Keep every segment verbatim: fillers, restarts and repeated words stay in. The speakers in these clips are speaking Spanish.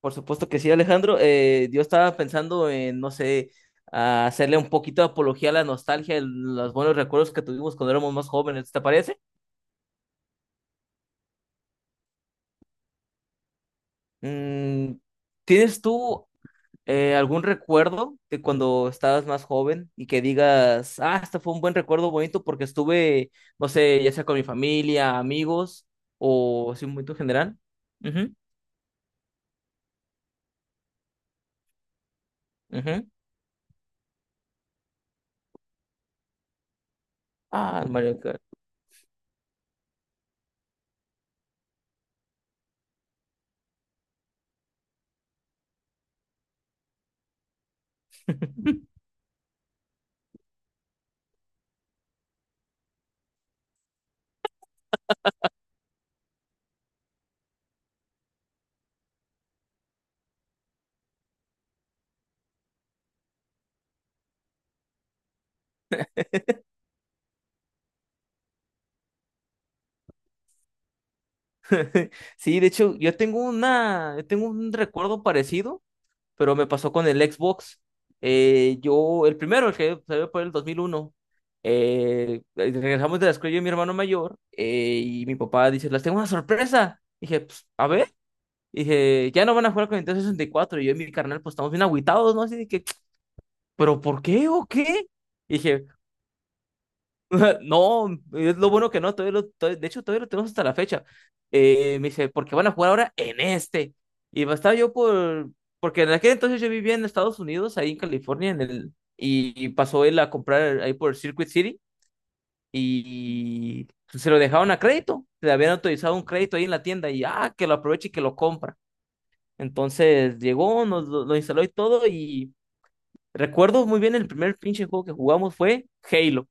Por supuesto que sí, Alejandro. Eh, yo estaba pensando en, no sé, a hacerle un poquito de apología a la nostalgia, el- los buenos recuerdos que tuvimos cuando éramos más jóvenes, ¿te parece? Mm, ¿Tienes tú eh, algún recuerdo de cuando estabas más joven y que digas, ah, este fue un buen recuerdo bonito porque estuve, no sé, ya sea con mi familia, amigos o así un momento general? Ujú, ujú. Ah, el Mario Kart. Sí, de hecho, yo tengo una, yo tengo un recuerdo parecido, pero me pasó con el Xbox. Eh, yo, el primero, el que salió por el dos mil uno, eh, eh, regresamos de la escuela yo y mi hermano mayor, eh, y mi papá dice, las tengo una sorpresa. Dije, "Pues, a ver". Dije, ya no van a jugar con Nintendo sesenta y cuatro. Y cuatro. Y yo y mi carnal, pues estamos bien agüitados, ¿no? Así de que, ¿pero por qué o qué? Dije, no, es lo bueno que no, todavía lo- todavía- de hecho, todavía lo tenemos hasta la fecha. Eh, me dice, porque van a jugar ahora en este. Y pues, estaba yo por, porque en aquel entonces yo vivía en Estados Unidos, ahí en California, en el, y, y pasó él a comprar ahí por Circuit City y se lo dejaron a crédito, le habían autorizado un crédito ahí en la tienda y ah, que lo aproveche y que lo compra. Entonces llegó, nos lo, lo instaló y todo y recuerdo muy bien el primer pinche juego que jugamos fue Halo.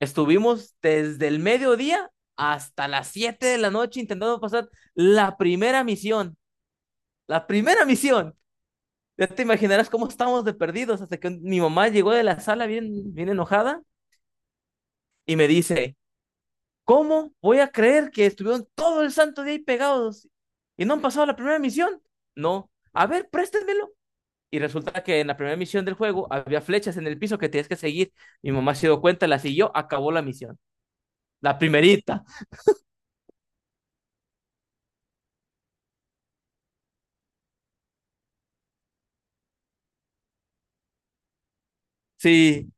Estuvimos desde el mediodía hasta las siete de la noche intentando pasar la primera misión. La primera misión. Ya te imaginarás cómo estábamos de perdidos, hasta que mi mamá llegó de la sala bien, bien enojada y me dice, ¿cómo voy a creer que estuvieron todo el santo día ahí pegados y no han pasado la primera misión? No. A ver, préstenmelo. Y resulta que en la primera misión del juego había flechas en el piso que tienes que seguir. Mi mamá se dio cuenta, las siguió, acabó la misión. La primerita. Sí,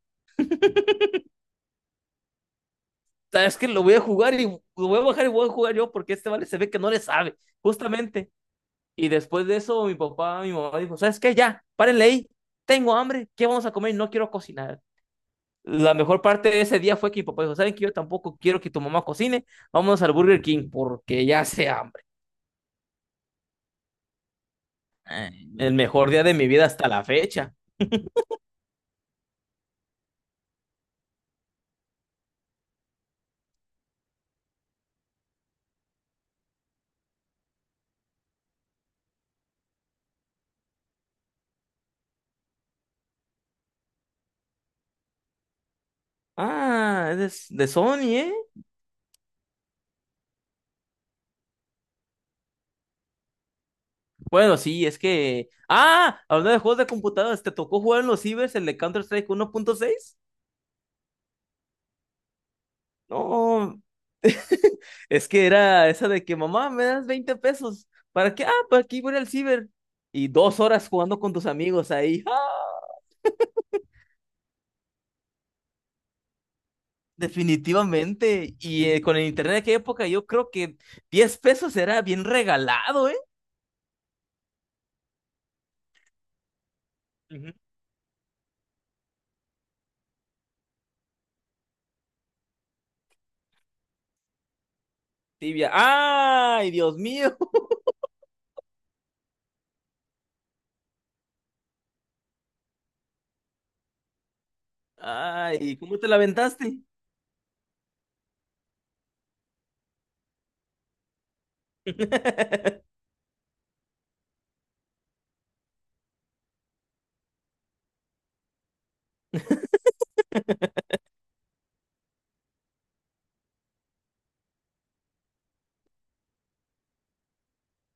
es que lo voy a jugar y lo voy a bajar y voy a jugar yo, porque este vale se ve que no le sabe, justamente. Y después de eso, mi papá, mi mamá dijo, ¿sabes qué? Ya, párenle ahí, tengo hambre, ¿qué vamos a comer? No quiero cocinar. La mejor parte de ese día fue que mi papá dijo, ¿saben que yo tampoco quiero que tu mamá cocine. Vamos al Burger King porque ya hace hambre. El mejor día de mi vida hasta la fecha. Ah, es de Sony, ¿eh? Bueno, sí, es que... Ah, hablando de juegos de computadoras, ¿te tocó jugar en los cibers el de Counter-Strike uno punto seis? No, es que era esa de que mamá, me das veinte pesos. ¿Para qué? Ah, para aquí voy al ciber. Y dos horas jugando con tus amigos ahí. ¡Ah! Definitivamente. Y eh, con el internet de aquella época, yo creo que diez pesos era bien regalado, ¿eh? Ujú. Tibia. ¡Ay, Dios mío! ¡Ay, cómo te la aventaste!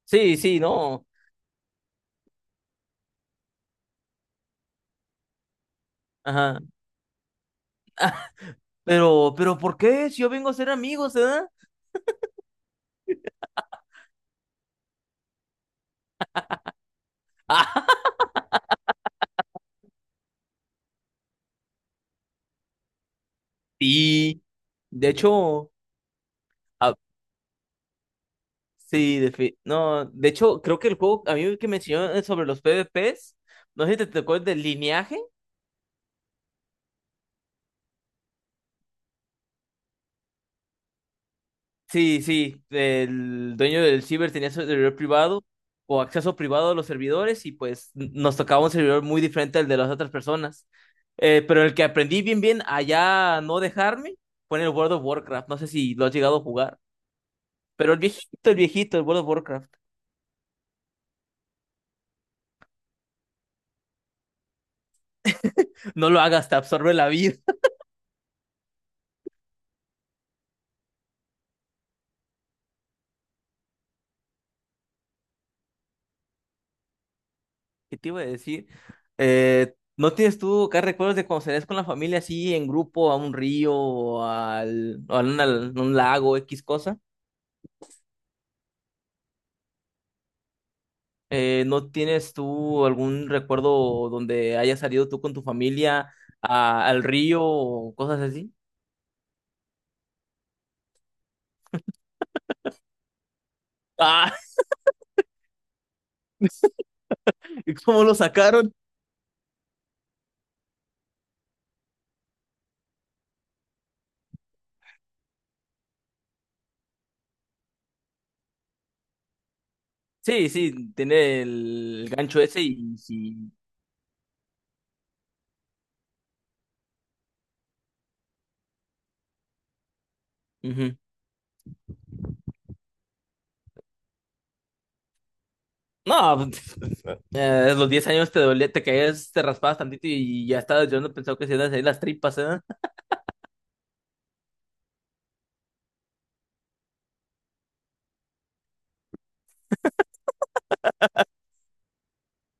Sí, sí, no. Ajá. Pero, pero, ¿por qué? Si yo vengo a ser amigos, ¿verdad? Ah, sí. De hecho, a- Sí, defi- no, de hecho, creo que el juego, a mí el que me enseñó eh, sobre los PvPs, no sé si te tocó el del lineaje. Sí, sí, el dueño del ciber tenía su servidor privado o acceso privado a los servidores y pues n- nos tocaba un servidor muy diferente al de las otras personas. Eh, pero el que aprendí bien, bien, allá no dejarme, fue en el World of Warcraft. No sé si lo has llegado a jugar, pero el viejito, el viejito, el World of Warcraft. No lo hagas, te absorbe la vida. ¿Qué te iba a decir? Eh, ¿no tienes tú acá recuerdos de cuando salías con la familia así en grupo a un río o al, o a una- un lago, X cosa? Eh, ¿no tienes tú algún recuerdo donde hayas salido tú con tu familia a- al río o cosas así? Ah, ¿Y cómo lo sacaron? Sí, sí, tiene el gancho ese y sí. Ujú. No, eh, a los diez años te dolía, te caías, te raspabas tantito y ya estabas llorando, pensaba que se iban a salir las tripas, ¿eh?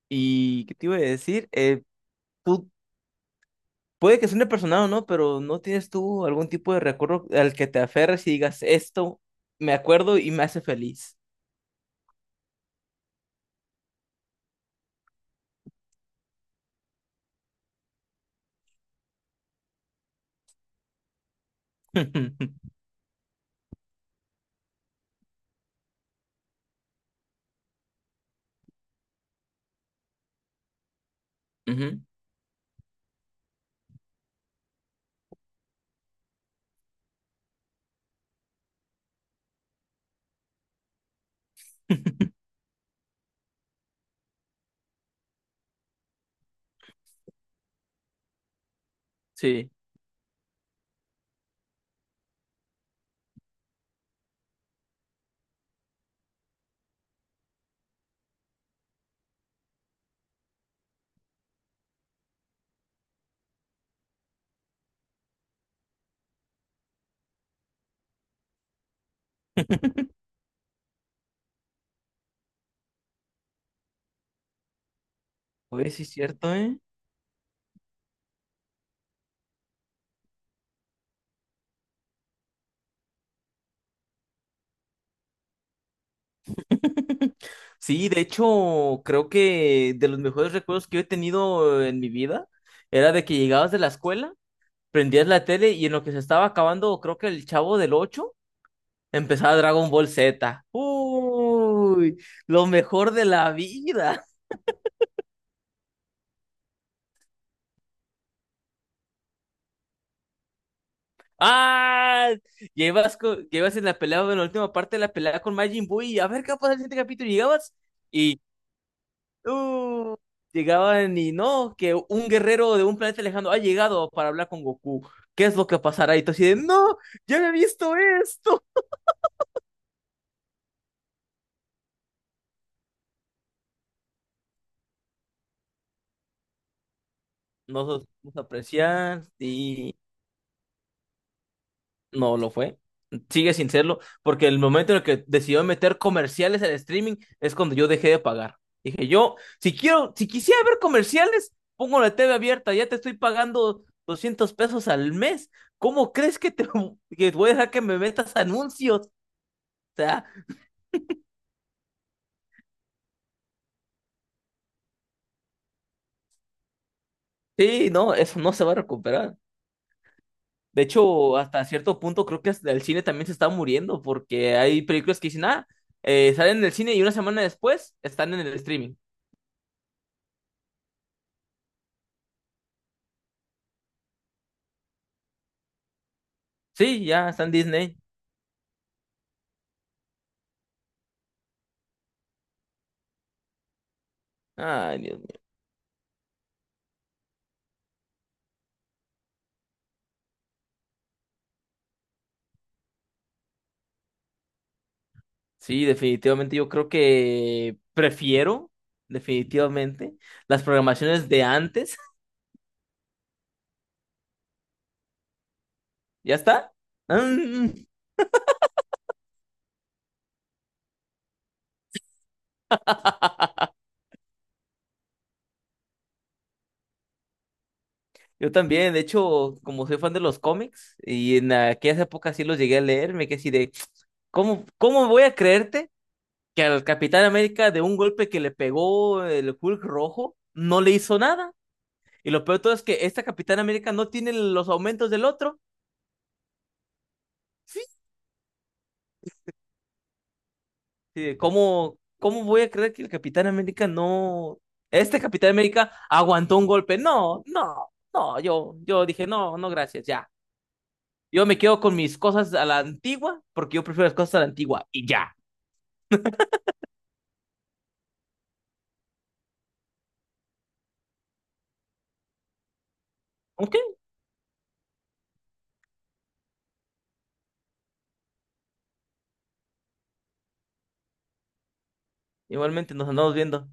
¿Y qué te iba a decir? Eh, pu- Puede que suene personal o no, pero ¿no tienes tú algún tipo de recuerdo al que te aferres y digas, esto me acuerdo y me hace feliz? Ujú, sí. Oye, sí es cierto, ¿eh? Sí, de hecho, creo que de los mejores recuerdos que yo he tenido en mi vida era de que llegabas de la escuela, prendías la tele y en lo que se estaba acabando, creo que el Chavo del Ocho, empezaba Dragon Ball Z. Uy, lo mejor de la vida. Ah, llevas, co- llevas en la pelea, en la última parte de la pelea con Majin Buu y a ver qué pasa en el siguiente capítulo. Y Llegabas y uh, llegaban y no, que un guerrero de un planeta lejano ha llegado para hablar con Goku. ¿Qué es lo que pasará? Y tú así de, no, ya había visto esto. Nos vamos a apreciar y no lo fue. Sigue sin serlo, porque el momento en el que decidió meter comerciales al streaming es cuando yo dejé de pagar. Dije, yo, si quiero, si quisiera ver comerciales, pongo la T V abierta, ya te estoy pagando doscientos pesos al mes. ¿Cómo crees que te que voy a dejar que me metas anuncios? O sea, sí, no, eso no se va a recuperar. De hecho, hasta cierto punto creo que hasta el cine también se está muriendo, porque hay películas que dicen, ah, eh, salen en el cine y una semana después están en el streaming. Sí, ya están en Disney. Ay, Dios mío. Sí, definitivamente yo creo que prefiero, definitivamente, las programaciones de antes. ¿Ya está? Mm, yo también, de hecho, como soy fan de los cómics y en aquellas épocas sí los llegué a leer, me quedé así de, ¿cómo, ¿cómo voy a creerte que al Capitán América de un golpe que le pegó el Hulk rojo no le hizo nada? Y lo peor de todo es que esta Capitán América no tiene los aumentos del otro. Sí, sí, de ¿Cómo, ¿cómo voy a creer que el Capitán América no... Este Capitán América aguantó un golpe. No, no, no, yo, yo dije, no, no, gracias, ya. Yo me quedo con mis cosas a la antigua, porque yo prefiero las cosas a la antigua, y ya. Ok, igualmente nos andamos viendo.